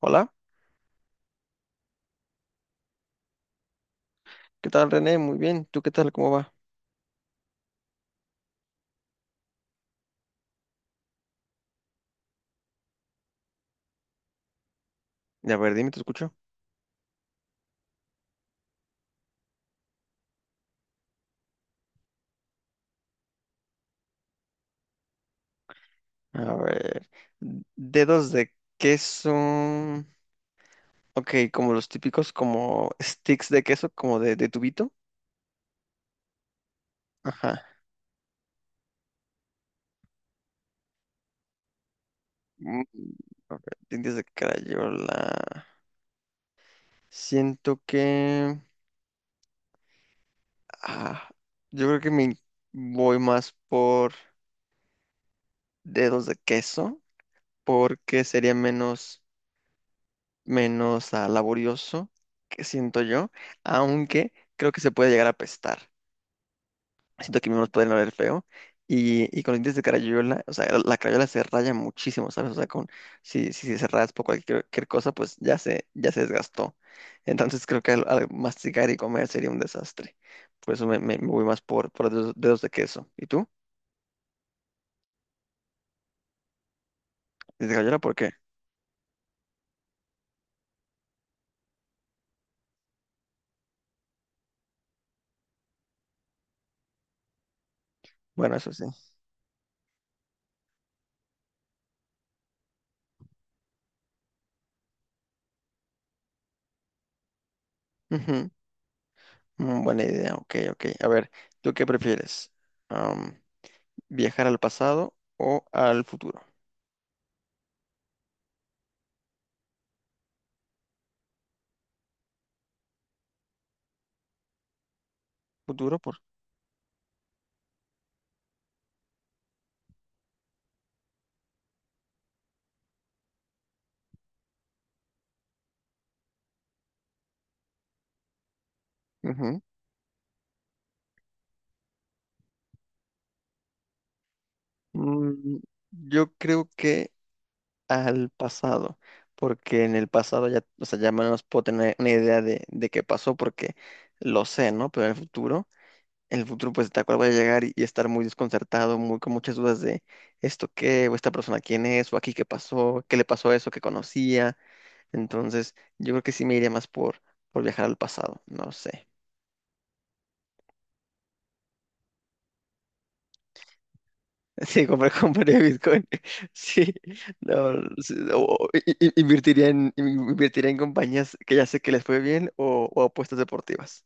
Hola, ¿qué tal, René? Muy bien, ¿tú qué tal? ¿Cómo va? A ver, dime, te escucho. A ver, dedos de queso. Ok, como los típicos, como sticks de queso, como de tubito. Ajá. Mm, a ver, dientes de crayola. Siento que... ah, yo creo que me voy más por dedos de queso, porque sería menos... menos laborioso, que siento yo, aunque creo que se puede llegar a apestar. Siento que mismos pueden oler feo. Y con los dientes de carayola, o sea, la carayola se raya muchísimo, ¿sabes? O sea, con, si se raspa o cualquier cosa, pues ya se desgastó. Entonces creo que al masticar y comer sería un desastre. Por eso me voy más por dedos de queso. ¿Y tú? ¿Dientes de carayola? ¿Por qué? Bueno, eso sí. Ujú. Mm, buena idea. Ok, ok. A ver, ¿tú qué prefieres? Um, ¿Viajar al pasado o al futuro? Futuro por... Ujú. Mm, yo creo que al pasado, porque en el pasado ya, o sea, ya menos puedo tener una idea de qué pasó porque lo sé, ¿no? Pero en el futuro pues tal cual voy a llegar y estar muy desconcertado, muy con muchas dudas de esto qué, o esta persona quién es, o aquí qué pasó, qué le pasó a eso que conocía. Entonces, yo creo que sí me iría más por viajar al pasado, no sé. Sí, compraría Bitcoin. Sí, no, sí, o- i- i- invertiría en, invertiría en compañías que ya sé que les fue bien o apuestas deportivas.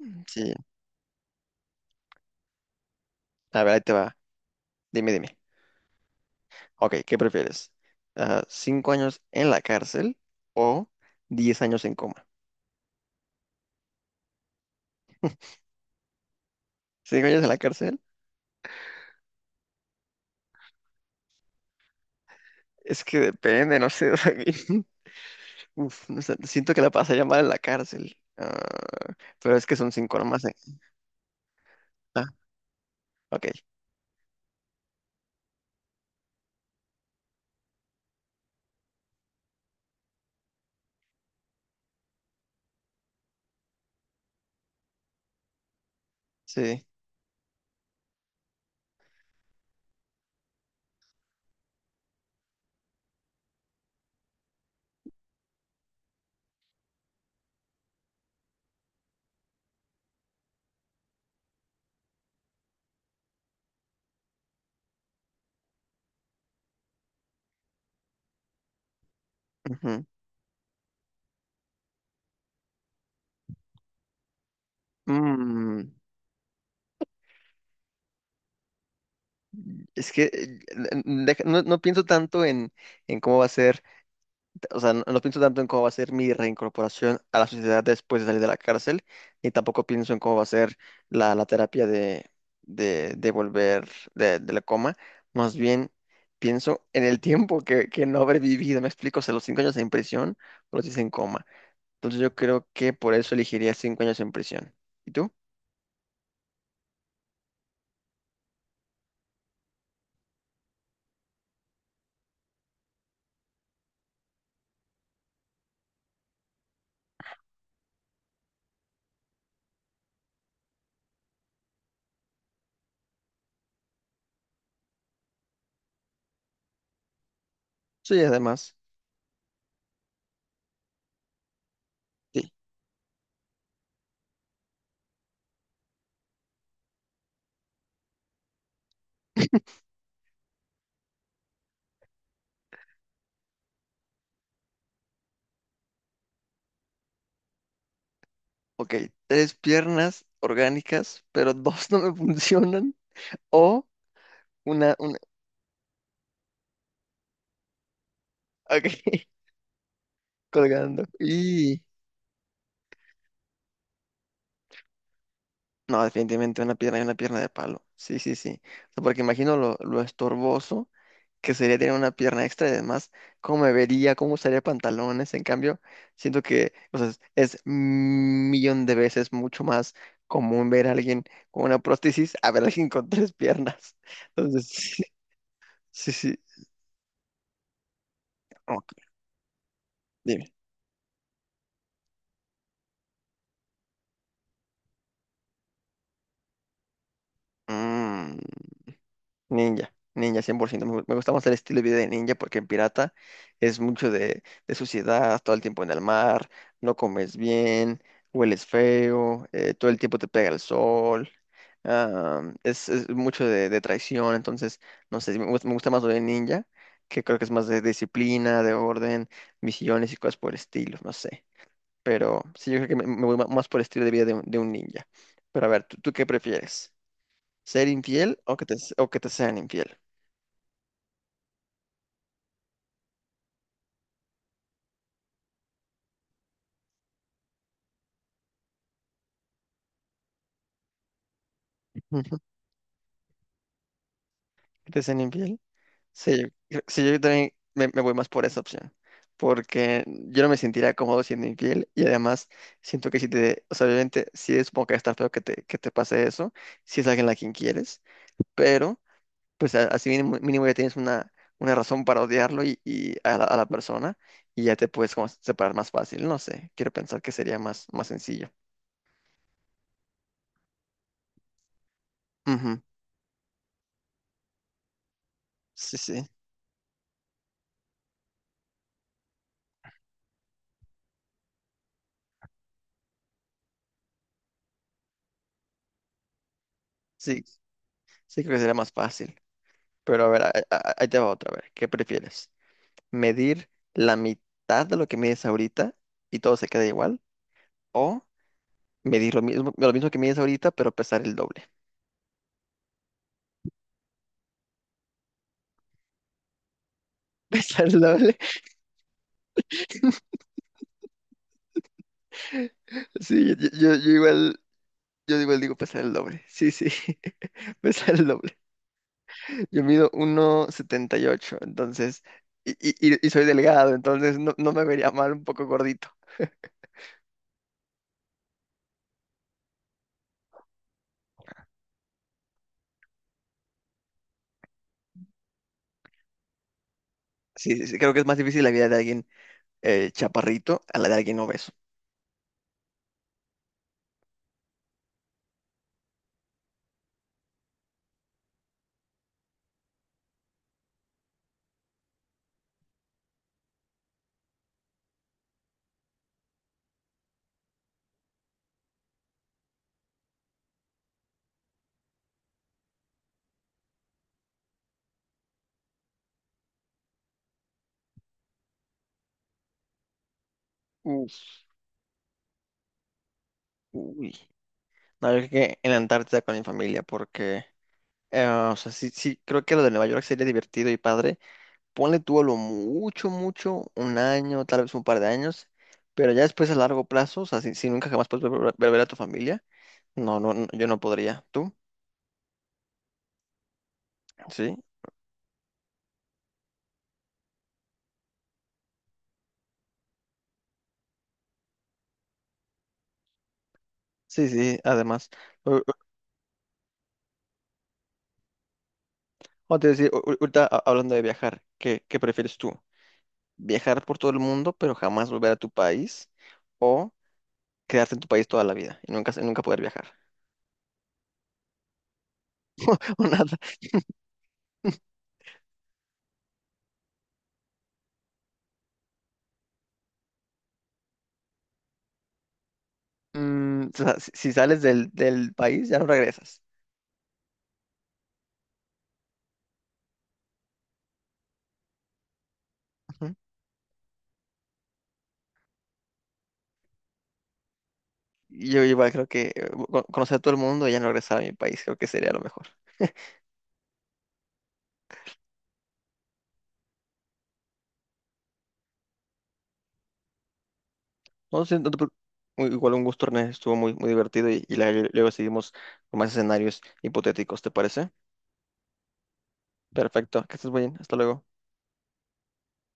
Mm. Sí, a ver, ahí te va. Dime, dime. Ok, ¿qué prefieres? Ah, ¿cinco años en la cárcel o diez años en coma? ¿Cinco años en la cárcel? Es que depende, no sé. o sea, que- Uf, no sé, siento que la pasaría mal en la cárcel. Ah, pero es que son cinco nomás. Eh. Ah, ok, sí. Ujú. Mm, es que deja- no, no pienso tanto en cómo va a ser, o sea, no, no pienso tanto en cómo va a ser mi reincorporación a la sociedad después de salir de la cárcel, ni tampoco pienso en cómo va a ser la terapia de volver de la coma. Más bien pienso en el tiempo que no habré vivido. Me explico, o sea, los cinco años en prisión o los diez en coma. Entonces yo creo que por eso elegiría cinco años en prisión. ¿Y tú? Sí, además. Sí. Ok, tres piernas orgánicas, pero dos no me funcionan. O una, ok, colgando. Y no, definitivamente una pierna y una pierna de palo. Sí, sí, sí. O sea, porque imagino lo estorboso que sería tener una pierna extra y además cómo me vería, cómo usaría pantalones. En cambio, siento que, o sea, es un millón de veces mucho más común ver a alguien con una prótesis a ver a alguien con tres piernas. Entonces, sí, sí. Sí. Ok, mm, ninja, ninja, 100%. Me gusta más el estilo de vida de ninja porque en pirata es mucho de suciedad, todo el tiempo en el mar, no comes bien, hueles feo, todo el tiempo te pega el sol. Es mucho de traición, entonces, no sé, me, gust- me gusta más lo de ninja, que creo que es más de disciplina, de orden, misiones y cosas por el estilo, no sé. Pero sí, yo creo que me voy ma- más por el estilo de vida de un ninja. Pero a ver, ¿tú qué prefieres? ¿Ser infiel o o que te sean infiel? Ujú. ¿Que te sean infiel? Sí, yo, creo- sí, yo también me voy más por esa opción, porque yo no me sentiría cómodo siendo infiel y además siento que si te, o sea, obviamente sí supongo que está feo que te pase eso, si es alguien a quien quieres, pero pues a- así mínimo, mínimo ya tienes una razón para odiarlo y a a la persona y ya te puedes como separar más fácil, no sé, quiero pensar que sería más, más sencillo. Ujú. Sí, sí, sí, sí creo que sería más fácil. Pero a ver, a- ahí te va otra vez. ¿Qué prefieres? ¿Medir la mitad de lo que mides ahorita y todo se queda igual? ¿O medir lo mismo que mides ahorita, pero pesar el doble? ¿Pesar el doble? Sí, yo igual, yo igual digo pesar el doble. Sí, sí, pesar el doble. Yo mido 1,78, entonces, y soy delgado, entonces no, no me vería mal un poco gordito. Sí, sí, sí, creo que es más difícil la vida de alguien chaparrito a la de alguien obeso. Uf, uy. No, yo creo que en la Antártida con mi familia, porque, o sea, sí, sí, creo que lo de Nueva York sería divertido y padre. Ponle tú a lo mucho, mucho, un año, tal vez un par de años, pero ya después a largo plazo, o sea, si nunca jamás puedes vol- volver a ver a tu familia, no, no, no, yo no podría. ¿Tú? Sí, sí, sí, además. o- o- o te decía, o- ahorita a- hablando de viajar, qué prefieres tú? ¿Viajar por todo el mundo, pero jamás volver a tu país? ¿O quedarte en tu país toda la vida y nunca, nunca poder viajar? Una mm, o sea, si sales del país, ya no regresas. Ujú. Y yo igual creo que con- conocer a todo el mundo y ya no regresar a mi país, creo que sería lo mejor. No sé, no te preocu- u- igual un gusto, Ernesto, estuvo muy, muy divertido y la- luego seguimos con más escenarios hipotéticos, ¿te parece? Perfecto, que estés bien, hasta luego.